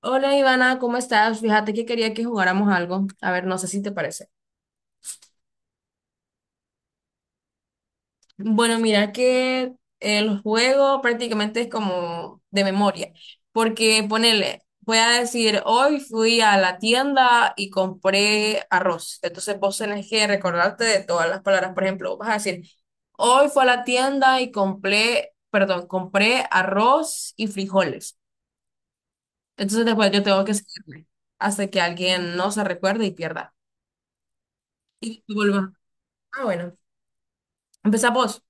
Hola Ivana, ¿cómo estás? Fíjate que quería que jugáramos algo. A ver, no sé si te parece. Bueno, mira que el juego prácticamente es como de memoria, porque ponele, voy a decir, hoy fui a la tienda y compré arroz. Entonces vos tenés que recordarte de todas las palabras. Por ejemplo, vas a decir, hoy fui a la tienda y compré, perdón, compré arroz y frijoles. Entonces después yo tengo que seguirme hasta que alguien no se recuerde y pierda. Y vuelva. Ah, bueno, empezá vos.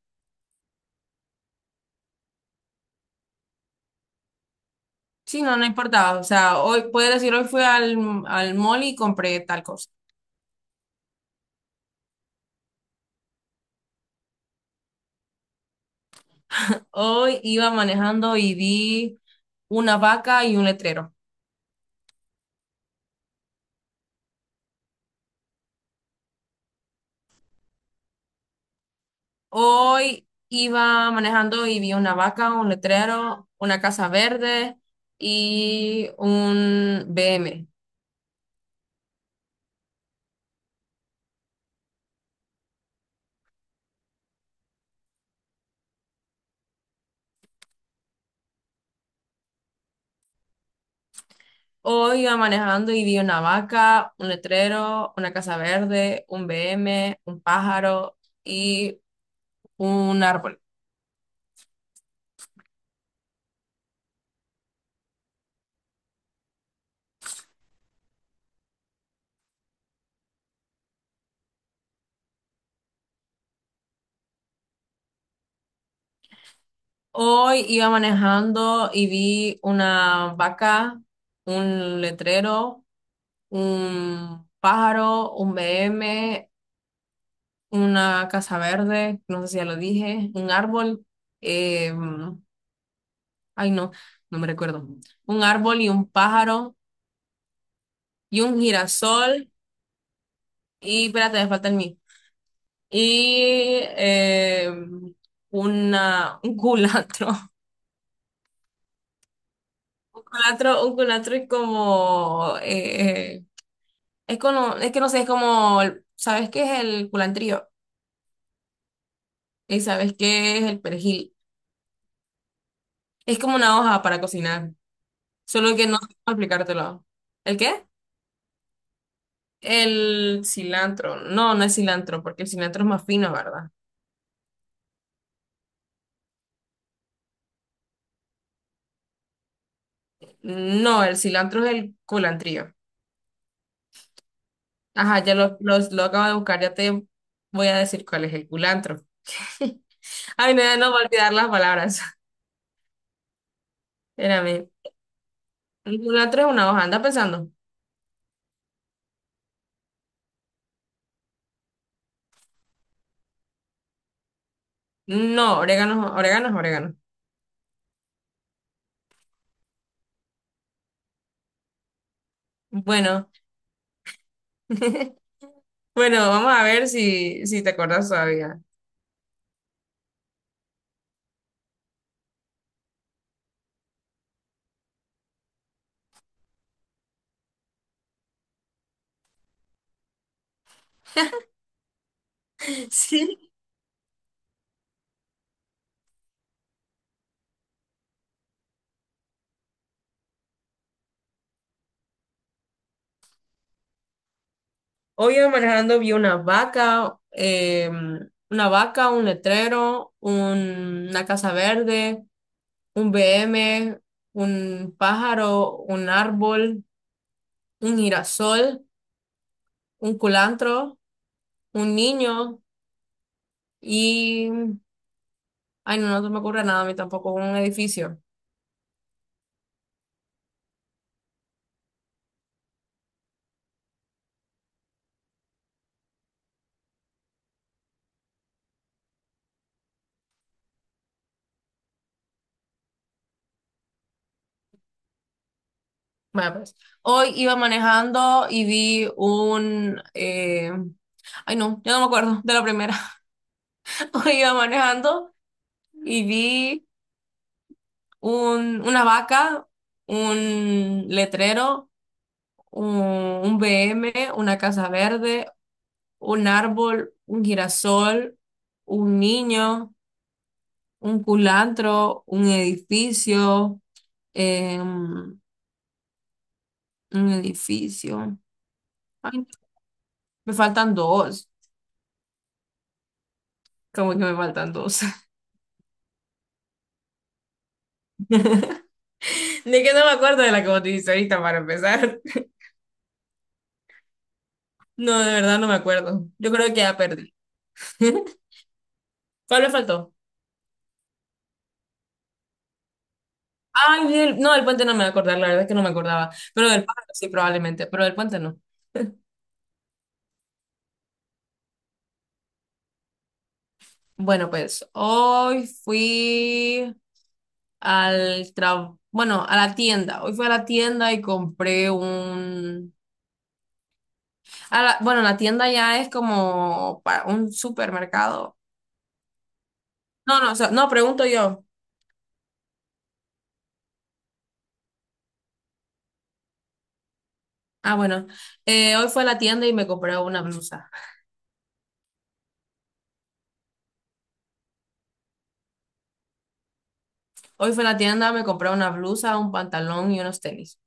Sí, no, no importaba. O sea, hoy, puedes decir, hoy fui al, al mall y compré tal cosa. Hoy iba manejando y vi una vaca y un letrero. Hoy iba manejando y vi una vaca, un letrero, una casa verde y un B M. Hoy iba manejando y vi una vaca, un letrero, una casa verde, un B M, un pájaro y un árbol. Hoy iba manejando y vi una vaca, un letrero, un pájaro, un BM, una casa verde, no sé si ya lo dije, un árbol, eh, ay no, no me recuerdo, un árbol y un pájaro y un girasol y espérate, me falta el mí. Y una, un culantro, un culantro y como... Es como, es que no sé, es como, ¿sabes qué es el culantrío? ¿Y sabes qué es el perejil? Es como una hoja para cocinar, solo que no sé cómo explicártelo. ¿El qué? El cilantro. No, no es cilantro, porque el cilantro es más fino, ¿verdad? No, el cilantro es el culantrío. Ajá, lo acabo de buscar, ya te voy a decir cuál es el culantro. Ay, no, no voy a olvidar las palabras. Espérame. El culantro es una hoja, anda pensando. No, orégano, orégano es orégano. Bueno. Bueno, vamos a ver si te acuerdas todavía. Sí. Hoy iba manejando vi una vaca, un letrero, una casa verde, un BM, un pájaro, un árbol, un girasol, un culantro, un niño y... Ay, no, no se me ocurre nada a mí tampoco, un edificio. Bueno, pues, hoy iba manejando y vi un... Ay, no, ya no me acuerdo de la primera. Iba manejando y vi un, una vaca, un letrero, un, un BM, una casa verde, un árbol, un girasol, un niño, un culantro, un edificio, un edificio. Ay, me faltan dos. Como que me faltan dos. De que no me acuerdo de la que vos dijiste ahorita para empezar. No, de verdad no me acuerdo. Yo creo que ya perdí. ¿Cuál me faltó? Ay, no, del puente no me voy a acordar, la verdad es que no me acordaba. Pero del pájaro sí, probablemente, pero del puente no. Bueno, pues hoy fui al trabajo, bueno, a la tienda. Hoy fui a la tienda y compré un... bueno, la tienda ya es como para un supermercado. No, no, o sea, no, pregunto yo. Ah, bueno, hoy fue a la tienda y me compré una blusa. Hoy fue a la tienda, me compré una blusa, un pantalón y unos tenis.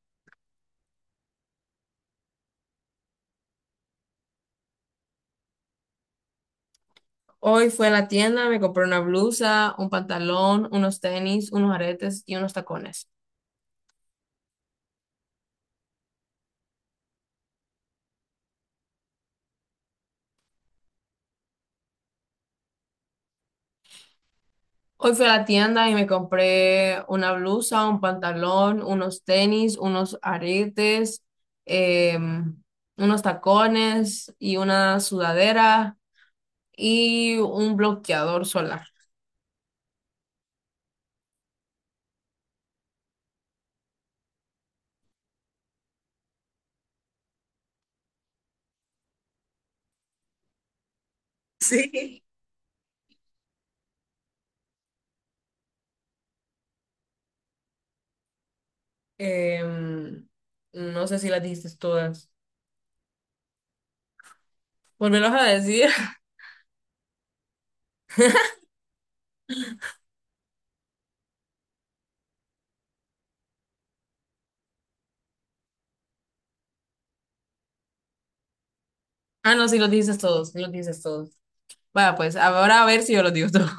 Hoy fui a la tienda, me compré una blusa, un pantalón, unos tenis, unos aretes y unos tacones. Hoy fui a la tienda y me compré una blusa, un pantalón, unos tenis, unos aretes, em, unos tacones y una sudadera y un bloqueador solar. Sí. Em, no sé si las dijiste todas. Volvelos a decir. Ah, no, sí los dijiste todos, sí los dijiste todos. Vaya, pues ahora a ver si yo los digo todos.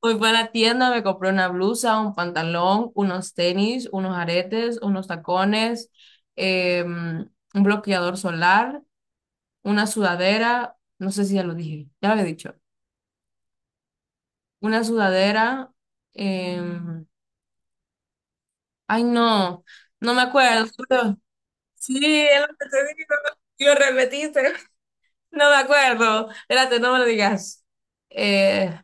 Hoy fui a la tienda, me compré una blusa, un pantalón, unos tenis, unos aretes, unos tacones, un bloqueador solar, una sudadera, no sé si ya lo dije, ya lo había dicho, una sudadera, eh, ay no, no me acuerdo, sí, es lo que te digo, lo repetiste, no me acuerdo, espérate, no me lo digas, Eh,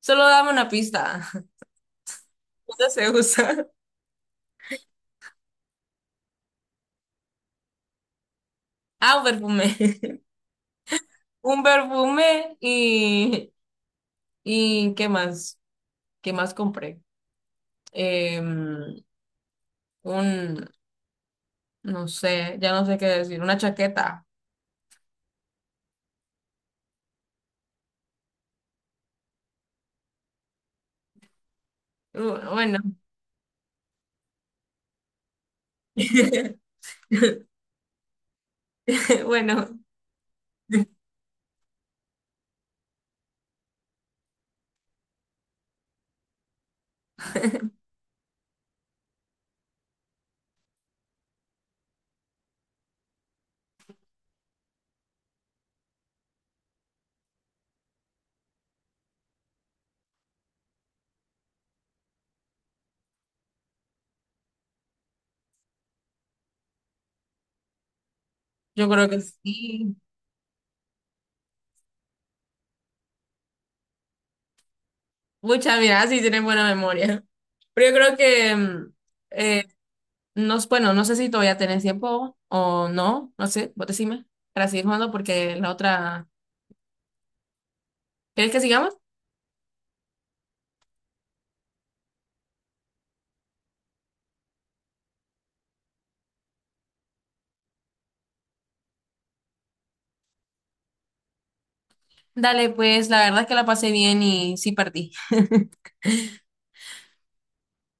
solo dame una pista, ¿dónde se usa? Ah, un perfume. Un perfume y ¿qué más? ¿Qué más compré? Em, un, no sé, ya no sé qué decir, una chaqueta. Bueno, bueno, yo creo que sí. Muchas, mira, sí tienen buena memoria. Pero yo creo que, eh, no, bueno, no sé si todavía tenés tiempo o no, no sé, vos decime, para seguir jugando porque la otra, ¿querés que sigamos? Dale, pues la verdad es que la pasé bien y sí partí.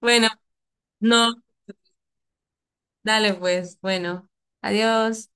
Bueno, no. Dale pues, bueno, adiós.